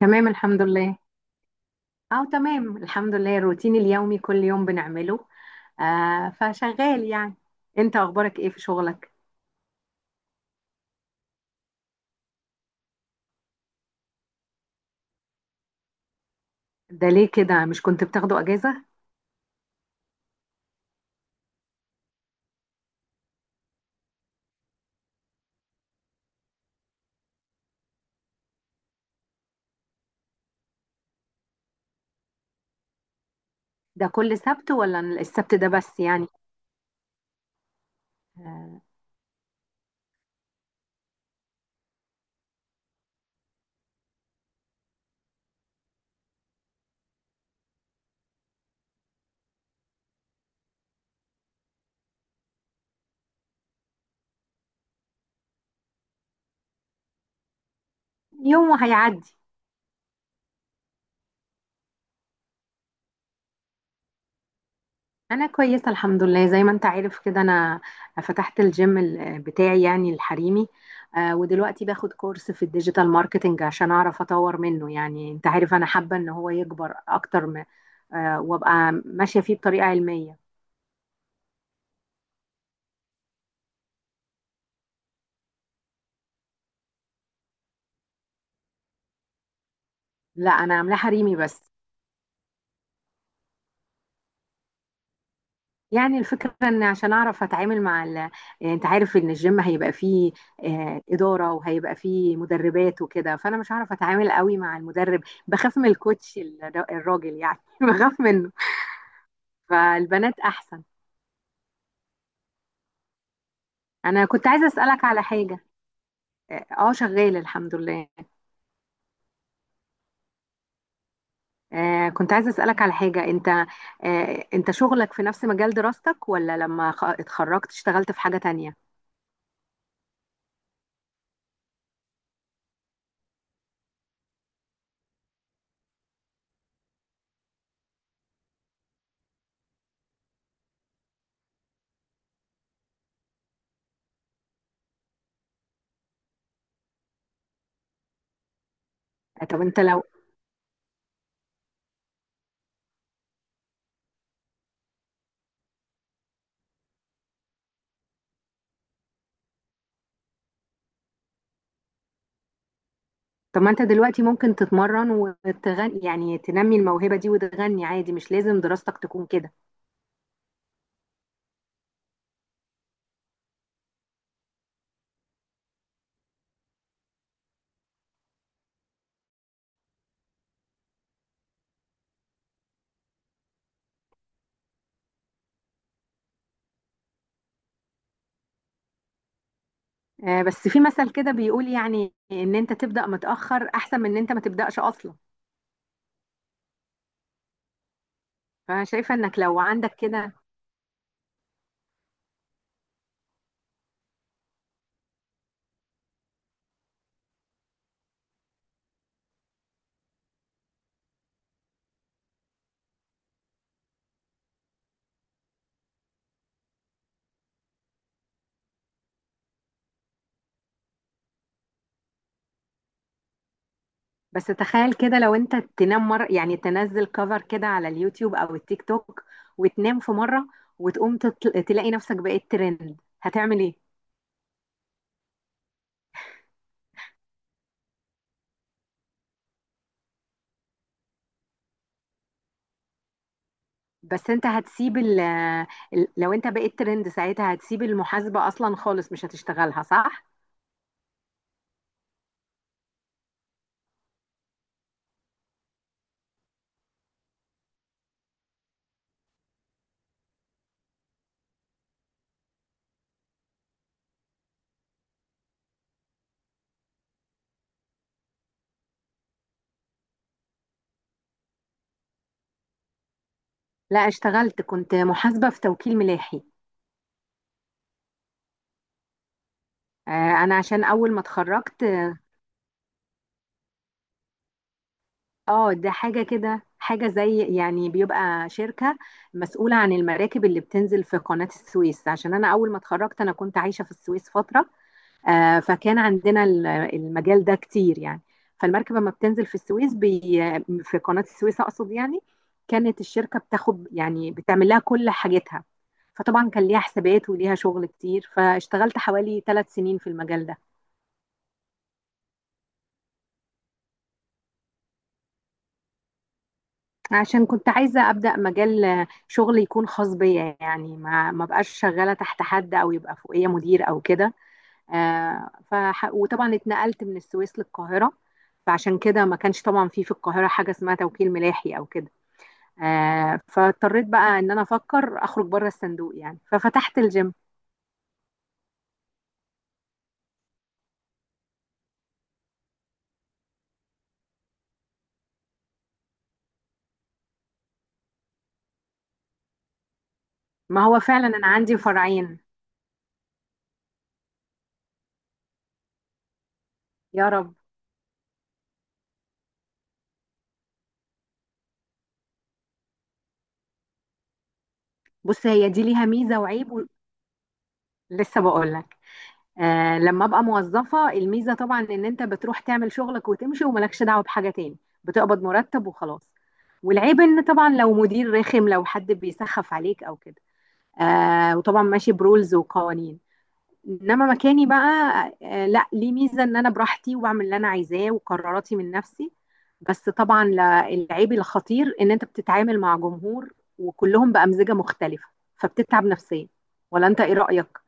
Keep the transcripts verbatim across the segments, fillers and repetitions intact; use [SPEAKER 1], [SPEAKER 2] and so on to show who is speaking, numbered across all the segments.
[SPEAKER 1] تمام الحمد لله. اه تمام الحمد لله، الروتين اليومي كل يوم بنعمله. آه فشغال يعني. انت اخبارك ايه في شغلك؟ ده ليه كده؟ مش كنت بتاخده اجازة؟ ده كل سبت ولا السبت ده بس يعني؟ آه. يوم وهيعدي. انا كويسه الحمد لله، زي ما انت عارف كده، انا فتحت الجيم ال- بتاعي يعني الحريمي. آه، ودلوقتي باخد كورس في الديجيتال ماركتينج عشان اعرف اطور منه، يعني انت عارف انا حابه ان هو يكبر اكتر م- آه، وابقى ماشيه فيه بطريقه علميه. لا، انا عاملاه حريمي بس. يعني الفكره ان عشان اعرف اتعامل مع ال... آه، انت عارف ان الجيم هيبقى فيه آه، اداره، وهيبقى فيه مدربات وكده، فانا مش هعرف اتعامل قوي مع المدرب. بخاف من الكوتش الر- الراجل يعني بخاف منه. فالبنات احسن. انا كنت عايزه اسالك على حاجه. اه، شغال الحمد لله. آه كنت عايزه اسالك على حاجه انت. آه انت شغلك في نفس مجال دراستك، ولا لما خ- اتخرجت اشتغلت في حاجه تانية؟ آه، طب انت لو. طب ما انت دلوقتي ممكن تتمرن وتغني، يعني تنمي الموهبه دي وتغني عادي، مش لازم دراستك تكون كده. آه بس في مثل كده بيقول، يعني ان انت تبدا متاخر احسن من ان انت ما تبداش اصلا. فانا شايفه انك لو عندك كده. بس تخيل كده، لو انت تنام مرة، يعني تنزل كفر كده على اليوتيوب او التيك توك وتنام في مرة، وتقوم تطل... تلاقي نفسك بقيت ترند، هتعمل ايه؟ بس انت هتسيب ال... ال- لو انت بقيت ترند ساعتها هتسيب المحاسبة اصلا خالص، مش هتشتغلها، صح؟ لا، اشتغلت كنت محاسبة في توكيل ملاحي. آه، انا عشان اول ما اتخرجت. اه، ده حاجة كده، حاجة زي يعني بيبقى شركة مسؤولة عن المراكب اللي بتنزل في قناة السويس، عشان أنا أول ما اتخرجت أنا كنت عايشة في السويس فترة. آه، فكان عندنا ال- المجال ده كتير يعني. فالمركب لما بتنزل في السويس بي في قناة السويس أقصد، يعني كانت الشركة بتاخد، يعني بتعمل لها كل حاجتها. فطبعا كان ليها حسابات وليها شغل كتير، فاشتغلت حوالي ثلاث سنين في المجال ده. عشان كنت عايزة أبدأ مجال شغل يكون خاص بيا، يعني ما ما بقاش شغالة تحت حد، أو يبقى فوقية مدير أو كده. آه، فح... وطبعا اتنقلت من السويس للقاهرة. فعشان كده ما كانش طبعا في في القاهرة حاجة اسمها توكيل ملاحي أو كده. آه، فاضطريت بقى إن أنا أفكر أخرج بره الصندوق يعني، ففتحت الجيم. ما هو فعلا أنا عندي فرعين. يا رب. بص، هي دي ليها ميزة وعيب و. لسه بقول. آه لما ابقى موظفة، الميزة طبعا ان انت بتروح تعمل شغلك وتمشي وملكش دعوة بحاجة تاني، بتقبض مرتب وخلاص. والعيب ان طبعا لو مدير رخم، لو حد بيسخف عليك او كده. آه وطبعا ماشي برولز وقوانين. انما مكاني بقى، آه لا، ليه ميزة ان انا براحتي، وبعمل اللي انا عايزاه، وقراراتي من نفسي. بس طبعا لا- العيب الخطير ان انت بتتعامل مع جمهور، وكلهم بأمزجة مختلفة، فبتتعب نفسيا. ولا انت ايه رأيك؟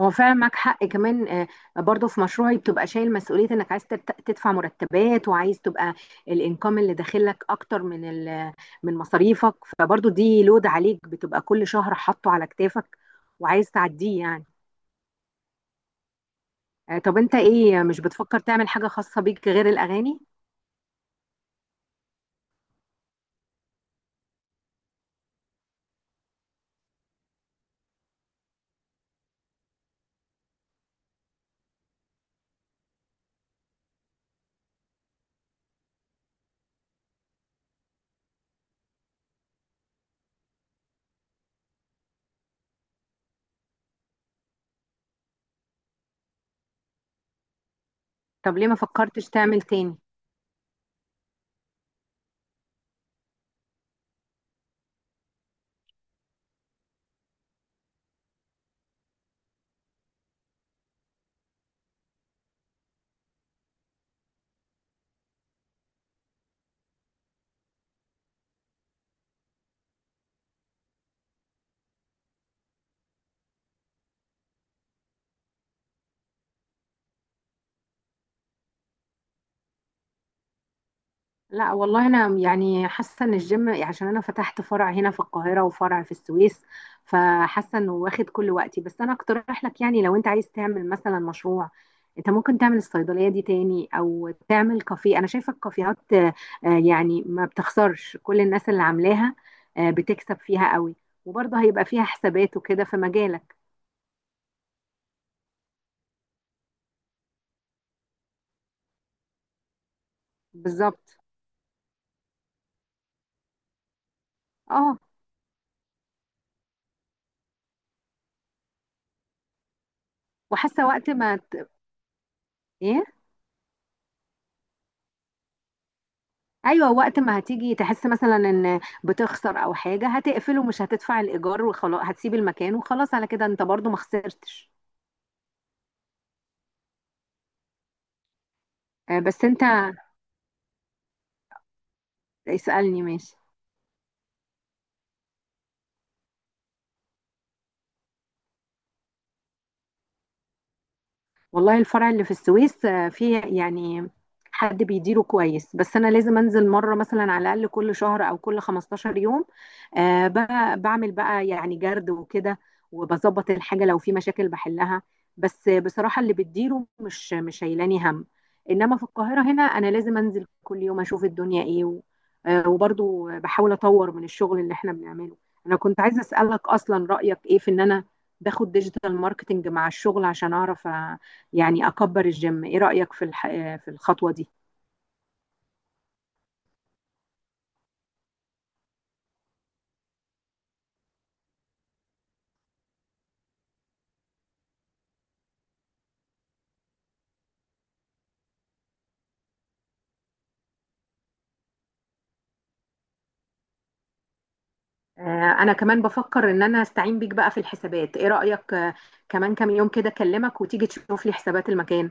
[SPEAKER 1] هو فعلا معاك حق كمان. آه، برضو في مشروعي بتبقى شايل مسؤولية انك عايز تت- تدفع مرتبات، وعايز تبقى الانكم اللي داخلك اكتر من ال- من مصاريفك، فبرضو دي لود عليك بتبقى كل شهر حاطه على كتافك وعايز تعديه يعني. آه، طب انت ايه، مش بتفكر تعمل حاجة خاصة بيك غير الاغاني؟ طب ليه ما فكرتش تعمل تاني؟ لا والله، انا يعني حاسه ان الجيم، يعني عشان انا فتحت فرع هنا في القاهره وفرع في السويس، فحاسه انه واخد كل وقتي. بس انا اقترح لك، يعني لو انت عايز تعمل مثلا مشروع، انت ممكن تعمل الصيدليه دي تاني او تعمل كافيه. انا شايفه الكافيهات آه، آه، يعني ما بتخسرش، كل الناس اللي عاملاها آه، بتكسب فيها قوي، وبرضه هيبقى فيها حسابات وكده في مجالك. بالظبط، اه. وحاسه وقت ما ت... ايه. ايوه، وقت ما هتيجي تحس مثلا ان بتخسر او حاجه، هتقفله، مش هتدفع الايجار وخلاص، هتسيب المكان وخلاص. على كده انت برضو ما خسرتش. آه، بس انت. اسالني، ماشي. والله الفرع اللي في السويس آه، فيه يعني حد بيديره كويس، بس انا لازم انزل مره، مثلا على الاقل كل شهر او كل خمستاشر يوم. آه، بقى بعمل بقى يعني جرد وكده، وبظبط الحاجه لو في مشاكل بحلها. بس بصراحه اللي بتديره مش مش شايلاني هم. انما في القاهره هنا انا لازم انزل كل يوم، اشوف الدنيا ايه و. آه، وبرضو بحاول اطور من الشغل اللي احنا بنعمله. انا كنت عايزه اسالك اصلا رايك ايه في ان انا باخد ديجيتال ماركتنج مع الشغل عشان اعرف يعني اكبر الجيم. ايه رأيك في الح... في الخطوة دي؟ آه، انا كمان بفكر ان انا استعين بيك بقى في الحسابات، ايه رأيك؟ آه، كمان كام يوم كده اكلمك وتيجي تشوف لي حسابات المكان.